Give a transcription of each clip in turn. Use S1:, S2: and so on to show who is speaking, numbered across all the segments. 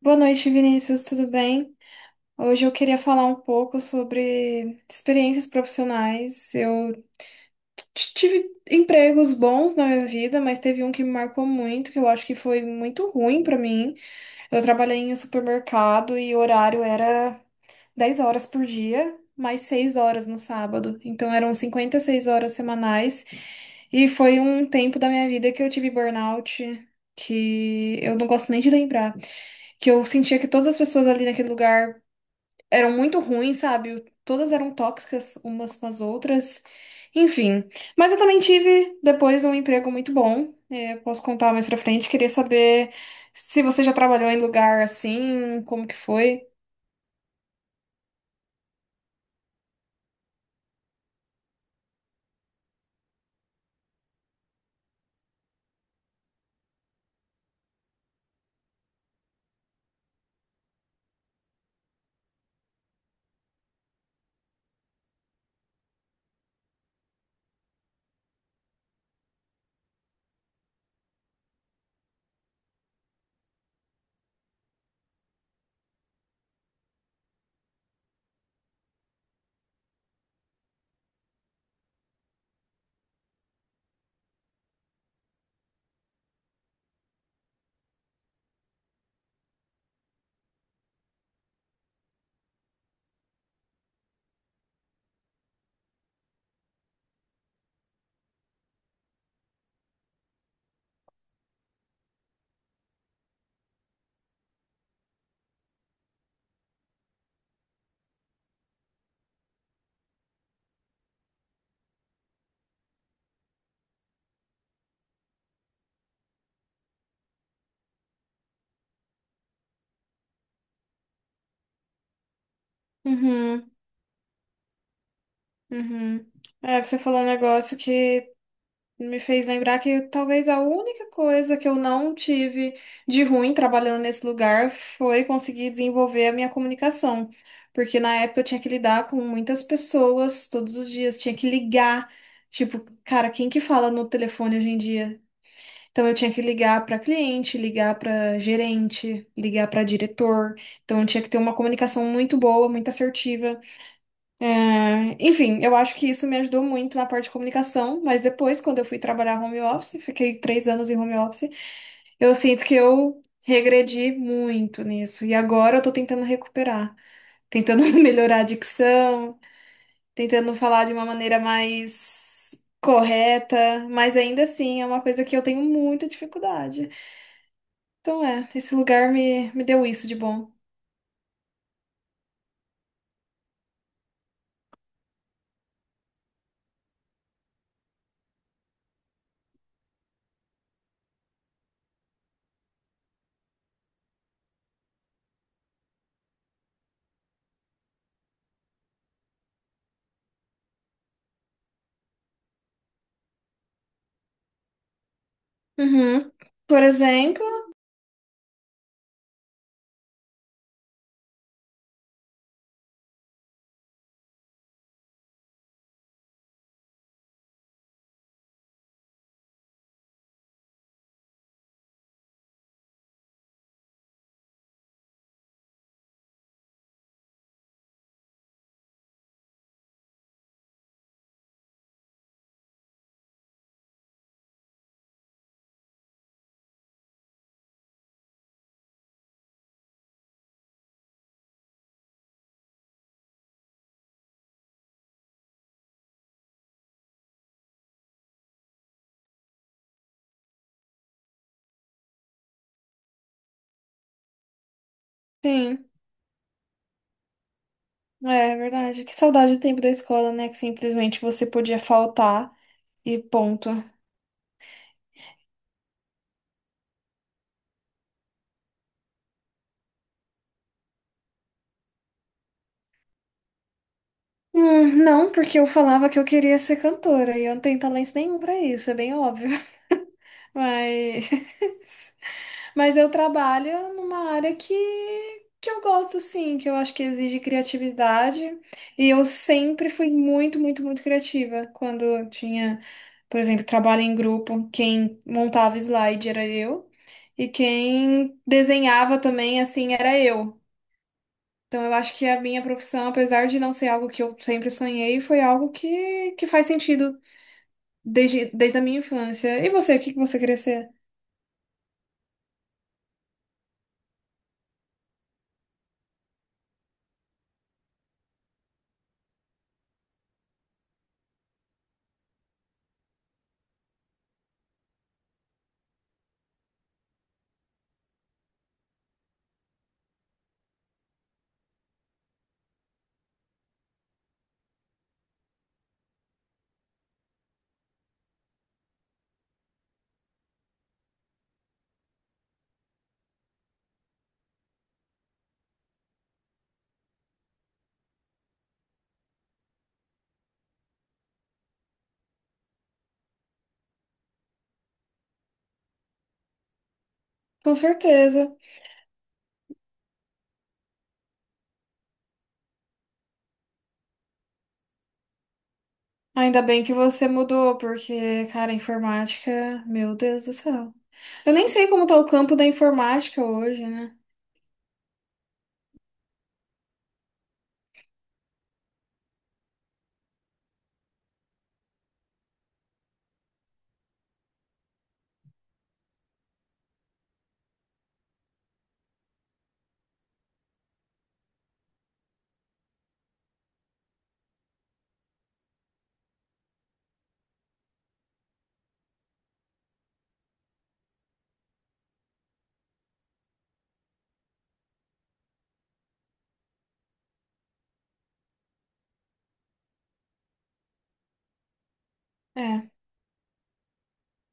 S1: Boa noite, Vinícius, tudo bem? Hoje eu queria falar um pouco sobre experiências profissionais. Eu tive empregos bons na minha vida, mas teve um que me marcou muito, que eu acho que foi muito ruim pra mim. Eu trabalhei em um supermercado e o horário era 10 horas por dia, mais 6 horas no sábado. Então eram 56 horas semanais. E foi um tempo da minha vida que eu tive burnout, que eu não gosto nem de lembrar, que eu sentia que todas as pessoas ali naquele lugar eram muito ruins, sabe? Todas eram tóxicas umas com as outras. Enfim. Mas eu também tive depois um emprego muito bom. É, posso contar mais pra frente. Queria saber se você já trabalhou em lugar assim, como que foi? Uhum, uhum. É, você falou um negócio que me fez lembrar que talvez a única coisa que eu não tive de ruim trabalhando nesse lugar foi conseguir desenvolver a minha comunicação. Porque na época eu tinha que lidar com muitas pessoas todos os dias, tinha que ligar. Tipo, cara, quem que fala no telefone hoje em dia? Então eu tinha que ligar para cliente, ligar para gerente, ligar para diretor. Então eu tinha que ter uma comunicação muito boa, muito assertiva. É, enfim, eu acho que isso me ajudou muito na parte de comunicação, mas depois, quando eu fui trabalhar home office, fiquei 3 anos em home office, eu sinto que eu regredi muito nisso. E agora eu tô tentando recuperar, tentando melhorar a dicção, tentando falar de uma maneira mais correta, mas ainda assim é uma coisa que eu tenho muita dificuldade. Então é, esse lugar me deu isso de bom. Uhum. Por exemplo, sim. É, é verdade. Que saudade do tempo da escola, né? Que simplesmente você podia faltar e ponto. Não, porque eu falava que eu queria ser cantora e eu não tenho talento nenhum pra isso, é bem óbvio. Mas eu trabalho numa área que eu gosto, sim, que eu acho que exige criatividade. E eu sempre fui muito, muito, muito criativa. Quando eu tinha, por exemplo, trabalho em grupo, quem montava slide era eu, e quem desenhava também, assim, era eu. Então eu acho que a minha profissão, apesar de não ser algo que eu sempre sonhei, foi algo que faz sentido desde a minha infância. E você, o que que você queria ser? Com certeza. Ainda bem que você mudou, porque, cara, informática, meu Deus do céu. Eu nem sei como tá o campo da informática hoje, né? É,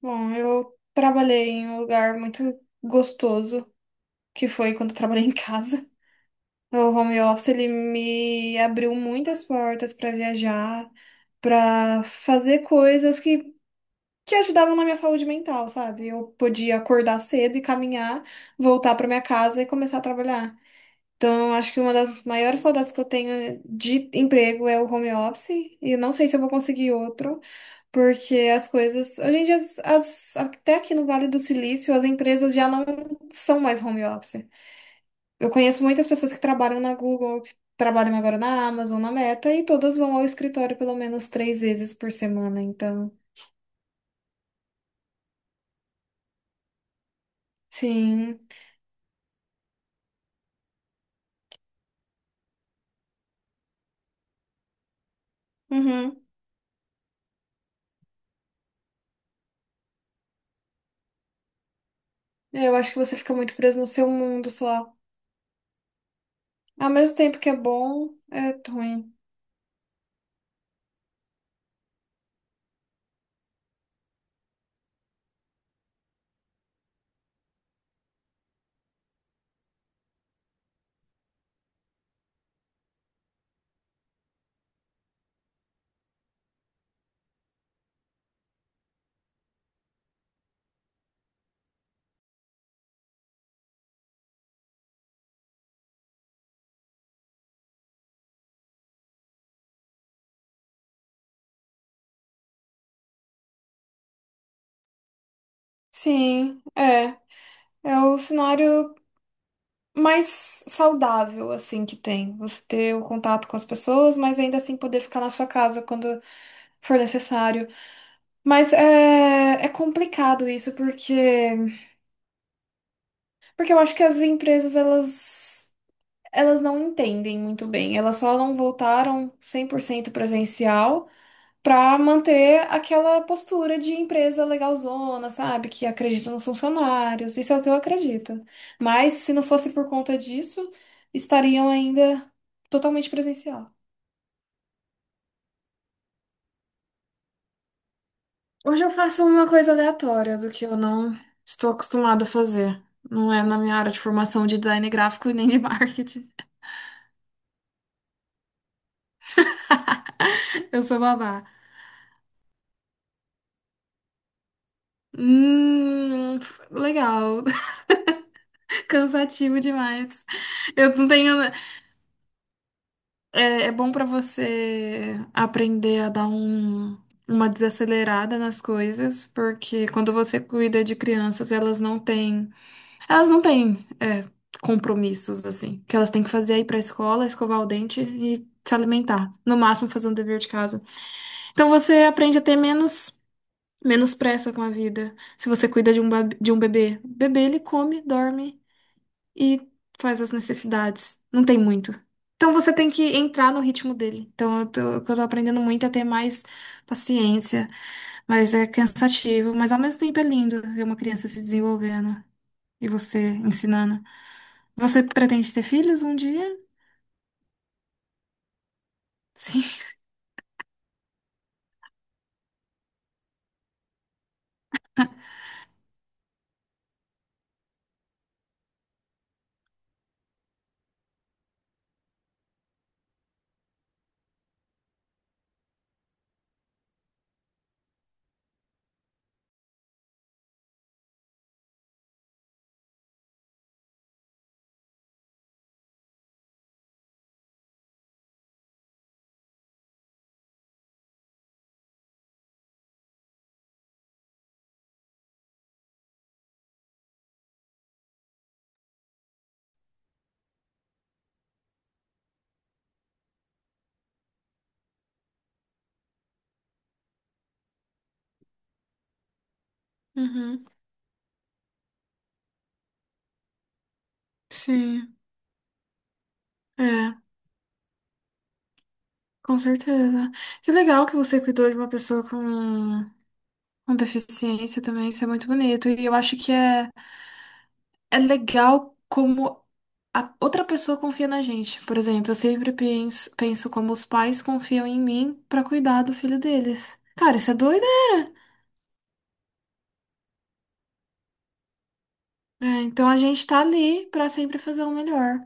S1: bom, eu trabalhei em um lugar muito gostoso, que foi quando eu trabalhei em casa. O home office, ele me abriu muitas portas pra viajar, pra fazer coisas que ajudavam na minha saúde mental, sabe? Eu podia acordar cedo e caminhar, voltar pra minha casa e começar a trabalhar. Então, acho que uma das maiores saudades que eu tenho de emprego é o home office. E eu não sei se eu vou conseguir outro, porque as coisas. Hoje em dia, até aqui no Vale do Silício, as empresas já não são mais home office. Eu conheço muitas pessoas que trabalham na Google, que trabalham agora na Amazon, na Meta, e todas vão ao escritório pelo menos 3 vezes por semana. Então, sim. Uhum. Eu acho que você fica muito preso no seu mundo só. Ao mesmo tempo que é bom, é ruim. Sim, é. É o cenário mais saudável, assim, que tem. Você ter o contato com as pessoas, mas ainda assim poder ficar na sua casa quando for necessário. Mas é, é complicado isso, porque, eu acho que as empresas, elas não entendem muito bem. Elas só não voltaram 100% presencial para manter aquela postura de empresa legalzona, sabe? Que acredita nos funcionários. Isso é o que eu acredito. Mas se não fosse por conta disso, estariam ainda totalmente presencial. Hoje eu faço uma coisa aleatória do que eu não estou acostumada a fazer. Não é na minha área de formação de design gráfico e nem de marketing. Eu sou babá. Hum, Legal. Cansativo demais. Eu não tenho. É, é bom para você aprender a dar um, uma desacelerada nas coisas, porque quando você cuida de crianças, elas não têm, é, compromissos assim, que elas têm que fazer aí para a escola, escovar o dente e se alimentar, no máximo fazer um dever de casa. Então você aprende a ter menos pressa com a vida. Se você cuida de um bebê, o bebê ele come, dorme e faz as necessidades. Não tem muito. Então você tem que entrar no ritmo dele. Então eu tô, o que eu tô aprendendo muito é ter mais paciência, mas é cansativo, mas ao mesmo tempo é lindo ver uma criança se desenvolvendo e você ensinando. Você pretende ter filhos um dia? Sim. Uhum. Sim, é, com certeza. Que legal que você cuidou de uma pessoa com deficiência também, isso é muito bonito. E eu acho que é é legal como a outra pessoa confia na gente. Por exemplo, eu sempre penso como os pais confiam em mim pra cuidar do filho deles. Cara, isso é doideira. Né? Então a gente tá ali pra sempre fazer o melhor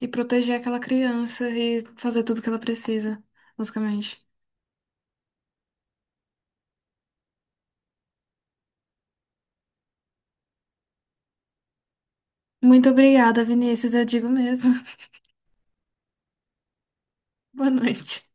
S1: e proteger aquela criança e fazer tudo que ela precisa, basicamente. Muito obrigada, Vinícius, eu digo mesmo. Boa noite.